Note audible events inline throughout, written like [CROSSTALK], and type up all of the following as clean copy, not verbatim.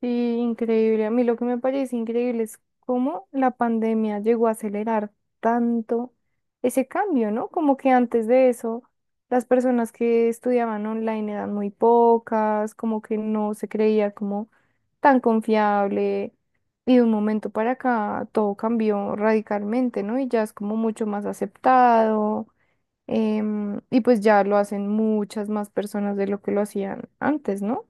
Sí, increíble. A mí lo que me parece increíble es cómo la pandemia llegó a acelerar tanto ese cambio, ¿no? Como que antes de eso, las personas que estudiaban online eran muy pocas, como que no se creía como tan confiable. Y de un momento para acá todo cambió radicalmente, ¿no? Y ya es como mucho más aceptado. Y pues ya lo hacen muchas más personas de lo que lo hacían antes, ¿no?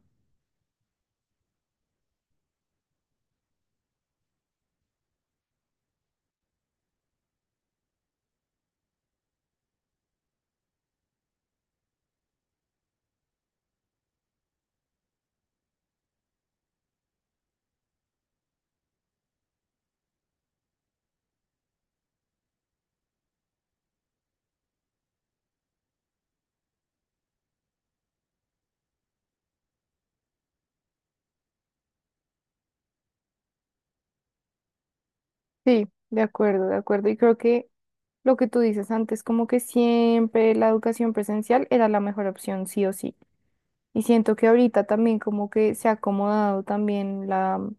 Sí, de acuerdo, de acuerdo. Y creo que lo que tú dices antes, como que siempre la educación presencial era la mejor opción, sí o sí. Y siento que ahorita también como que se ha acomodado también la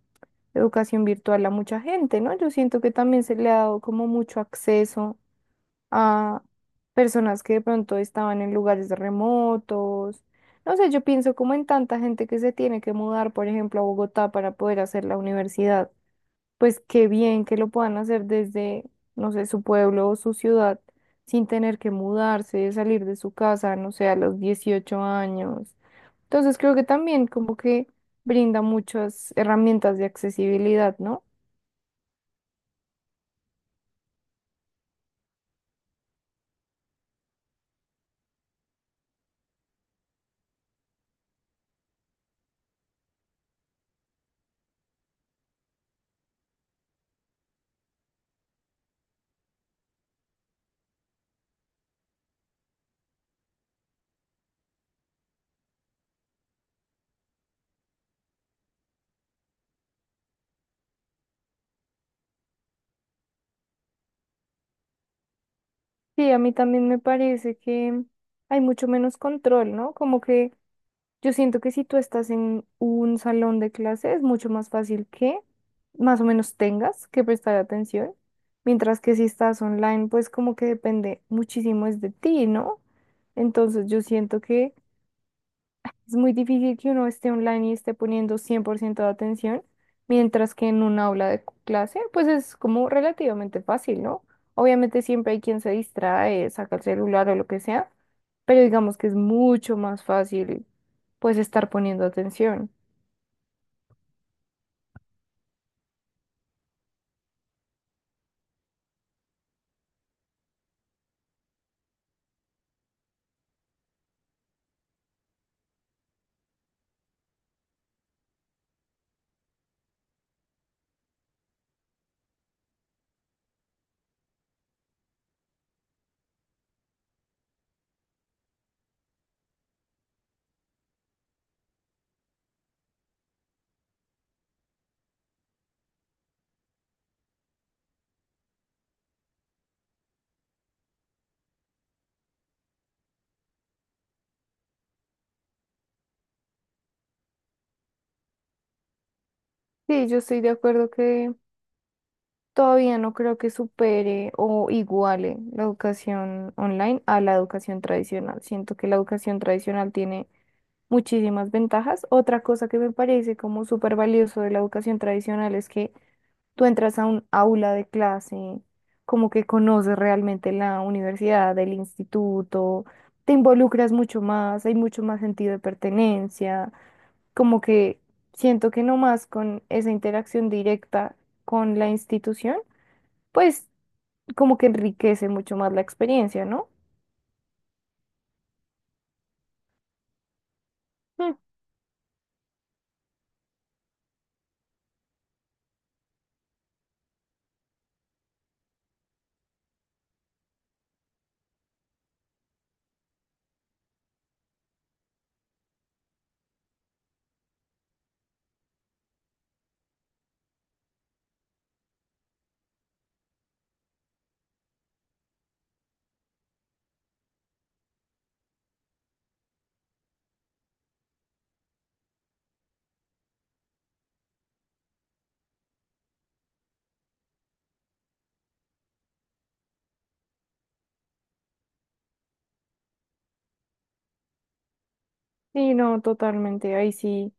educación virtual a mucha gente, ¿no? Yo siento que también se le ha dado como mucho acceso a personas que de pronto estaban en lugares remotos. No sé, yo pienso como en tanta gente que se tiene que mudar, por ejemplo, a Bogotá para poder hacer la universidad, pues qué bien que lo puedan hacer desde, no sé, su pueblo o su ciudad, sin tener que mudarse, salir de su casa, no sé, a los 18 años. Entonces creo que también como que brinda muchas herramientas de accesibilidad, ¿no? Sí, a mí también me parece que hay mucho menos control, ¿no? Como que yo siento que si tú estás en un salón de clase es mucho más fácil que más o menos tengas que prestar atención, mientras que si estás online, pues como que depende muchísimo es de ti, ¿no? Entonces yo siento que es muy difícil que uno esté online y esté poniendo 100% de atención, mientras que en un aula de clase, pues es como relativamente fácil, ¿no? Obviamente siempre hay quien se distrae, saca el celular o lo que sea, pero digamos que es mucho más fácil, pues, estar poniendo atención. Sí, yo estoy de acuerdo que todavía no creo que supere o iguale la educación online a la educación tradicional. Siento que la educación tradicional tiene muchísimas ventajas. Otra cosa que me parece como súper valioso de la educación tradicional es que tú entras a un aula de clase, como que conoces realmente la universidad, el instituto, te involucras mucho más, hay mucho más sentido de pertenencia, como que siento que no más con esa interacción directa con la institución, pues como que enriquece mucho más la experiencia, ¿no? Mm. Sí, no, totalmente, ahí sí.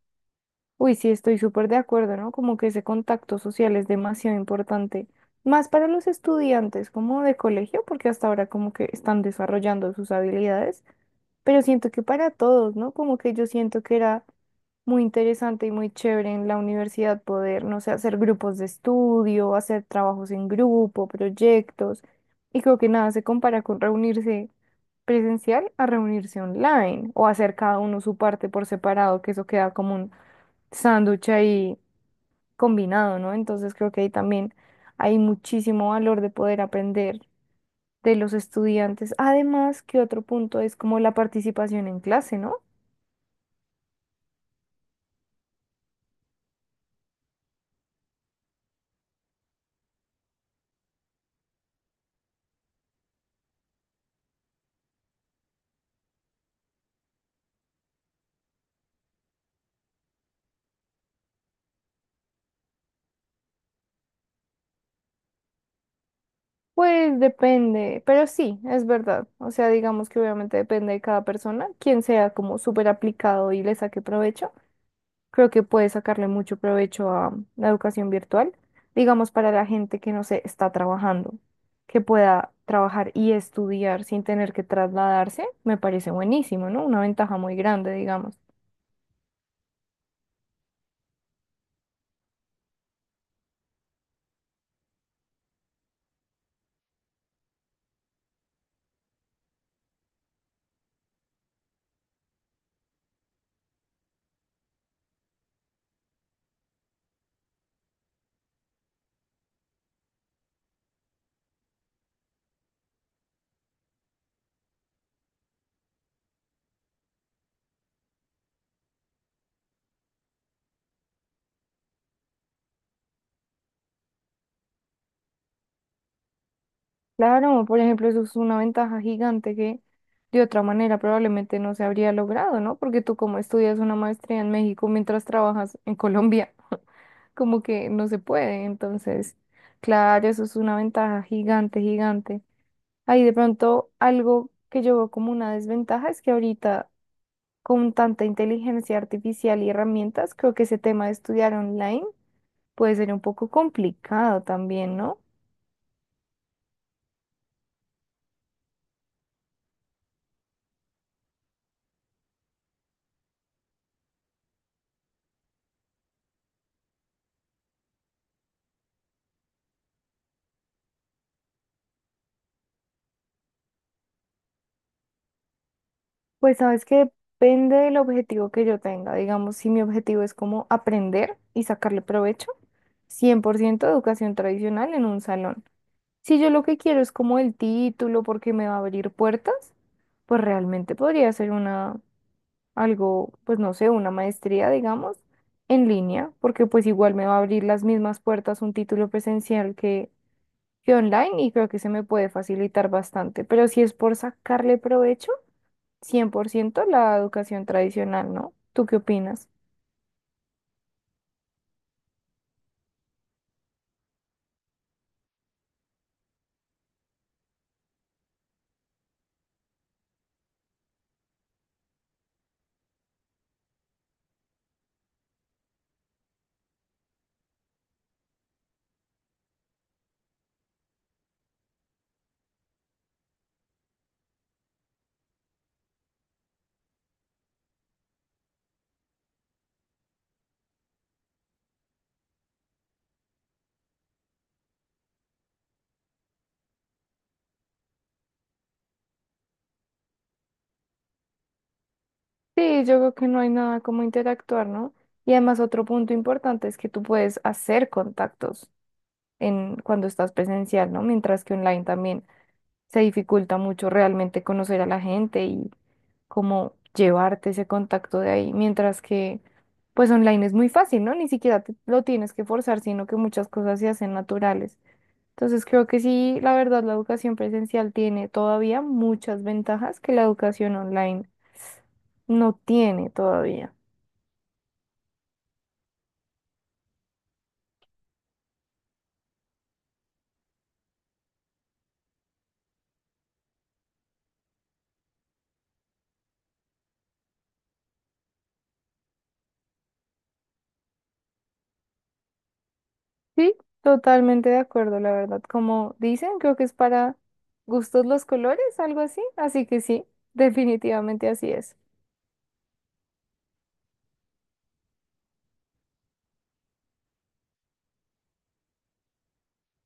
Uy, sí, estoy súper de acuerdo, ¿no? Como que ese contacto social es demasiado importante, más para los estudiantes como de colegio, porque hasta ahora como que están desarrollando sus habilidades, pero siento que para todos, ¿no? Como que yo siento que era muy interesante y muy chévere en la universidad poder, no sé, hacer grupos de estudio, hacer trabajos en grupo, proyectos, y creo que nada se compara con reunirse presencial a reunirse online o hacer cada uno su parte por separado, que eso queda común sándwich ahí combinado, ¿no? Entonces creo que ahí también hay muchísimo valor de poder aprender de los estudiantes. Además, que otro punto es como la participación en clase, ¿no? Pues depende, pero sí, es verdad. O sea, digamos que obviamente depende de cada persona, quien sea como súper aplicado y le saque provecho. Creo que puede sacarle mucho provecho a la educación virtual, digamos para la gente que no se está trabajando, que pueda trabajar y estudiar sin tener que trasladarse, me parece buenísimo, ¿no? Una ventaja muy grande, digamos. Claro, por ejemplo, eso es una ventaja gigante que de otra manera probablemente no se habría logrado, ¿no? Porque tú como estudias una maestría en México mientras trabajas en Colombia, [LAUGHS] como que no se puede, entonces, claro, eso es una ventaja gigante, gigante. Ahí de pronto algo que yo veo como una desventaja es que ahorita con tanta inteligencia artificial y herramientas, creo que ese tema de estudiar online puede ser un poco complicado también, ¿no? Pues sabes que depende del objetivo que yo tenga. Digamos, si mi objetivo es como aprender y sacarle provecho, 100% educación tradicional en un salón. Si yo lo que quiero es como el título porque me va a abrir puertas, pues realmente podría ser una, algo, pues no sé, una maestría, digamos, en línea, porque pues igual me va a abrir las mismas puertas un título presencial que online, y creo que se me puede facilitar bastante. Pero si es por sacarle provecho, 100% la educación tradicional, ¿no? ¿Tú qué opinas? Sí, yo creo que no hay nada como interactuar, ¿no? Y además otro punto importante es que tú puedes hacer contactos en cuando estás presencial, ¿no? Mientras que online también se dificulta mucho realmente conocer a la gente y como llevarte ese contacto de ahí, mientras que pues online es muy fácil, ¿no? Ni siquiera lo tienes que forzar, sino que muchas cosas se hacen naturales. Entonces creo que sí, la verdad, la educación presencial tiene todavía muchas ventajas que la educación online no tiene todavía. Sí, totalmente de acuerdo, la verdad. Como dicen, creo que es para gustos los colores, algo así. Así que sí, definitivamente así es.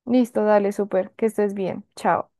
Listo, dale, súper, que estés bien. Chao.